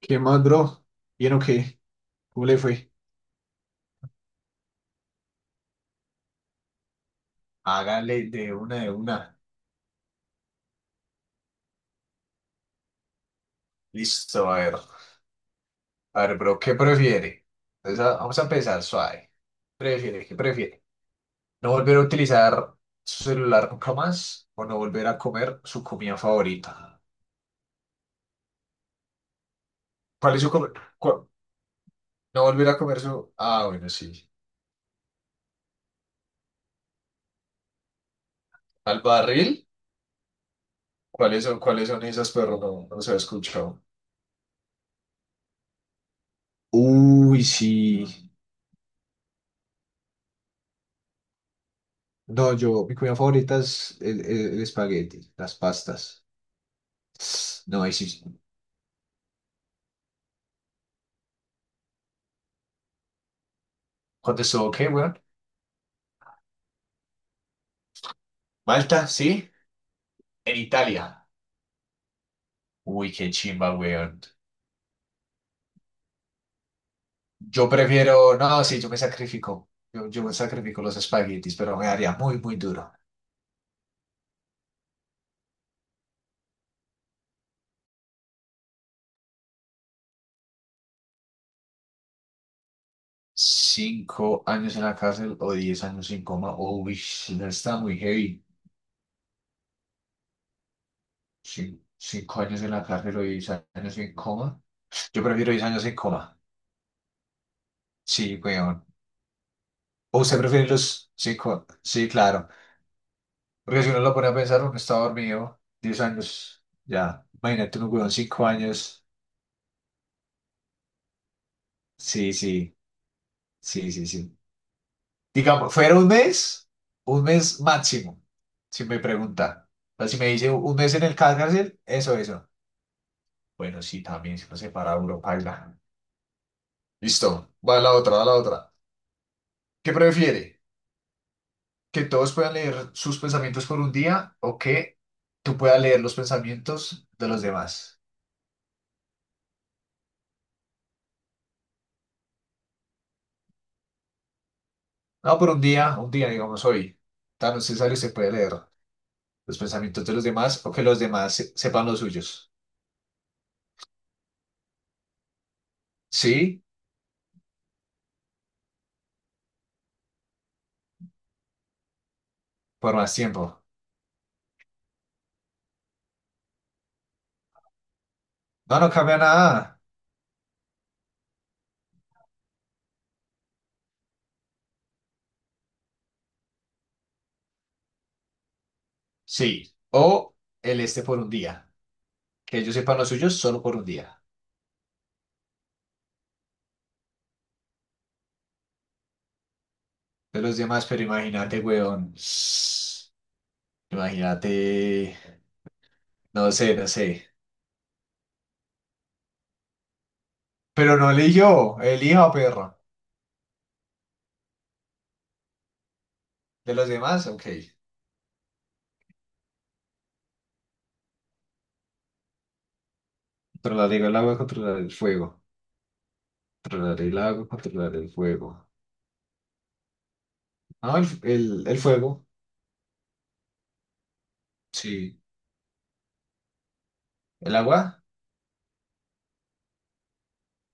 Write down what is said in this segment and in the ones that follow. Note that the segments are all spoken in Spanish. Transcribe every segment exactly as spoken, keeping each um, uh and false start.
¿Qué más, bro? ¿Bien o qué? ¿Cómo le fue? Hágale de una de una. Listo, a ver. A ver, bro, ¿qué prefiere? Entonces, a- vamos a empezar suave. ¿Prefiere? ¿Qué prefiere? ¿No volver a utilizar su celular nunca más o no volver a comer su comida favorita? ¿Cuál es su comida? ¿No volver a comer su...? Ah, bueno, sí. ¿Al barril? ¿Cuáles son, cuáles son esas, pero no, no se ha escuchado? Uy, sí. No, yo, mi comida favorita es el, el- el espagueti, las pastas. No, ahí sí. Contestó, ok, weón. Malta, sí. En Italia. Uy, qué chimba, weón. Yo prefiero, no, sí, yo me sacrifico. Yo, yo me sacrifico los espaguetis, pero me daría muy, muy duro. Cinco años en la cárcel o diez años en coma. Uy, sí, no está muy heavy. Cin- cinco años en la cárcel o diez años en coma. Yo prefiero diez años en coma. Sí, weón. ¿O usted prefiere los cinco? Sí, claro. Porque si uno lo pone a pensar, uno está dormido diez años, ya. Imagínate un huevón cinco años. Sí, sí, sí, sí, sí. Digamos, fuera un mes, un mes máximo, si me pregunta. O sea, si me dice un mes en el cárcel, eso, eso. Bueno, sí, también, si no se para uno, paila. Listo, va la otra, va la otra. ¿Qué prefiere? ¿Que todos puedan leer sus pensamientos por un día o que tú puedas leer los pensamientos de los demás? No, pero un día, un día, digamos hoy, tan necesario se puede leer los pensamientos de los demás o que los demás se- sepan los suyos. Sí, por más tiempo. No, no cambia nada. Sí. O el este por un día. Que ellos sepan los suyos solo por un día. De los demás, pero imagínate, weón. Imagínate. No sé, no sé. Pero no eligió, elija perro. De los demás, ok. Controlar el agua, controlar el fuego. Controlar el agua, controlar el fuego. No, el, el, el fuego. Sí, ¿el agua?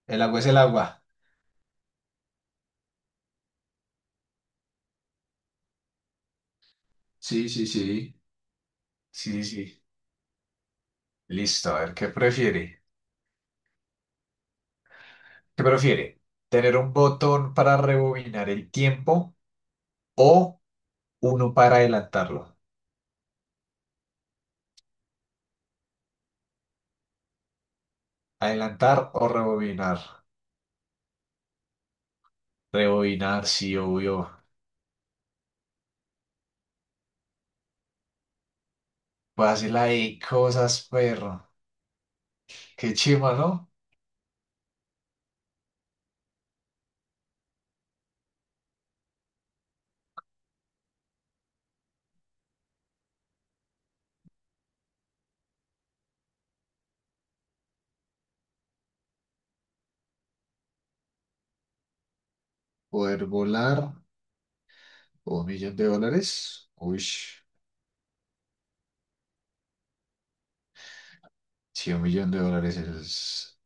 El agua es el agua. Sí, sí, sí. Sí, sí. Listo, a ver, ¿qué prefiere? ¿Qué prefiere? ¿Tener un botón para rebobinar el tiempo o uno para adelantarlo? ¿Adelantar o rebobinar? Rebobinar, sí, obvio. Puedes hacer la de cosas, perro. Qué chima, ¿no? Poder volar o un millón de dólares. Uy, sí, un millón de dólares es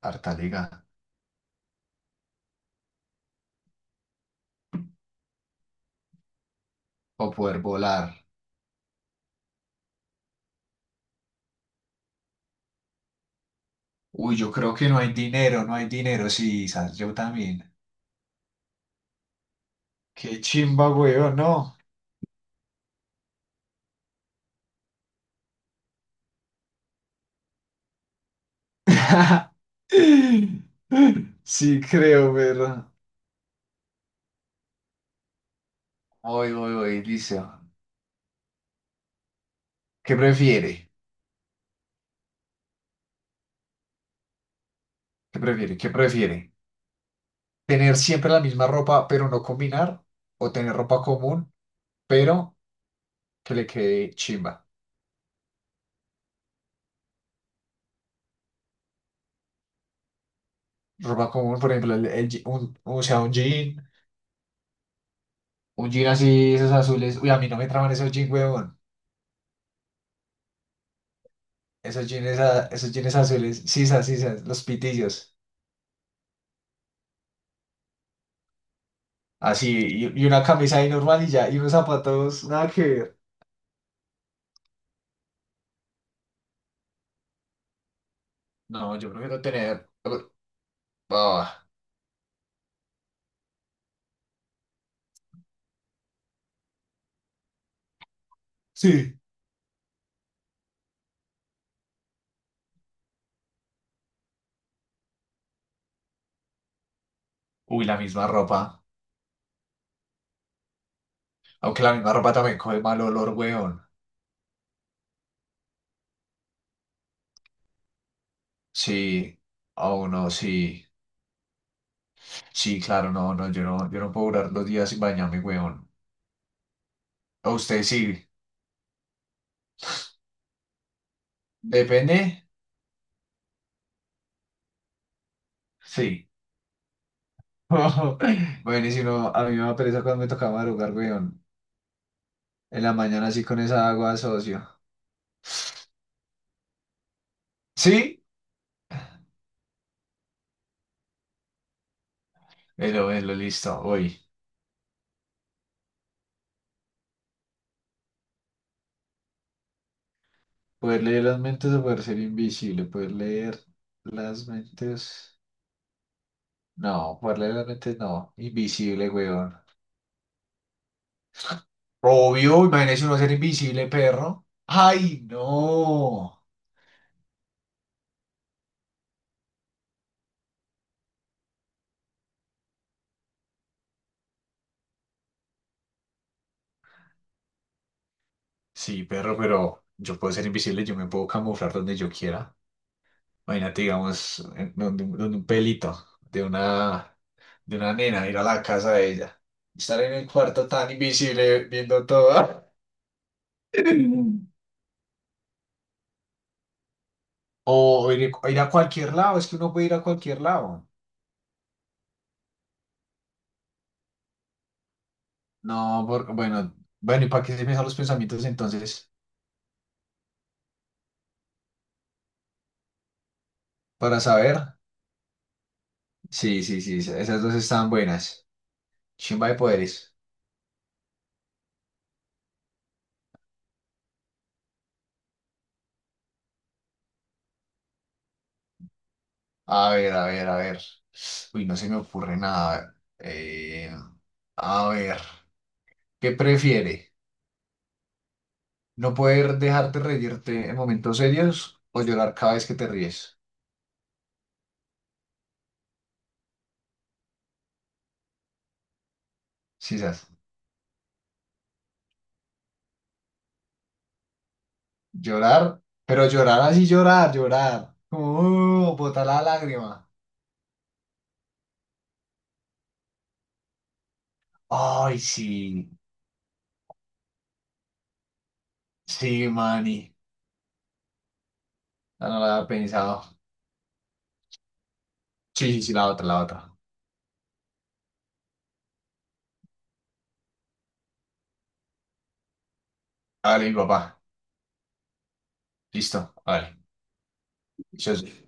harta liga. O poder volar. Uy, yo creo que no hay dinero, no hay dinero. Sí, Sas, yo también. Qué chimba, weón, no. Sí, creo, ¿verdad? Voy, voy, voy, listo. ¿Qué prefiere? ¿Qué prefiere? ¿Qué prefiere? ¿Tener siempre la misma ropa, pero no combinar? ¿O tener ropa común, pero que le quede chimba? Ropa común, por ejemplo, el- el je- un, o sea, un jean, un jean así, esos azules. Uy, a mí no me traban esos jeans, weón. Esos jeans, a- esos jeans azules, sisas, sisas, los pitillos. Así, y, y una camisa ahí normal y ya, y unos zapatos, nada que ver. No, yo prefiero tener. uh, ah, sí. Uy, la misma ropa. Aunque la misma ropa también coge mal olor, weón. Sí. Oh, no, sí. Sí, claro, no, no, yo no, yo no puedo durar dos días sin bañarme, weón. A usted sí. Depende. Sí. Bueno, y si no, a mí me da pereza cuando me toca madrugar, weón. En la mañana así con esa agua, socio. Sí, pero bueno, listo, voy. Poder leer las mentes o poder ser invisible. Poder leer las mentes. No, poder leer las mentes no. Invisible, weón. Obvio, imagínese uno ser invisible, perro. ¡Ay, no! Sí, perro, pero yo puedo ser invisible, yo me puedo camuflar donde yo quiera. Imagínate, digamos, en- donde, donde un pelito de una, de una nena, ir a la casa de ella. Estar en el cuarto tan invisible viendo todo. O ir, o ir a cualquier lado, es que uno puede ir a cualquier lado. No, por- bueno, bueno, ¿y para qué se me salen los pensamientos entonces? Para saber. Sí, sí, sí, esa- esas dos están buenas. Chimba de poderes. A ver, a ver, a ver. Uy, no se me ocurre nada. Eh, a ver, ¿qué prefiere? ¿No poder dejarte reírte en momentos serios o llorar cada vez que te ríes? Sí, sas. Llorar, pero llorar así, llorar, llorar. Como, uh, botar la lágrima. Ay, sí, sí, mani. No, no lo había pensado. Sí, sí, sí, la otra, la otra. Hágale, mi papá. Listo, hágale. Yo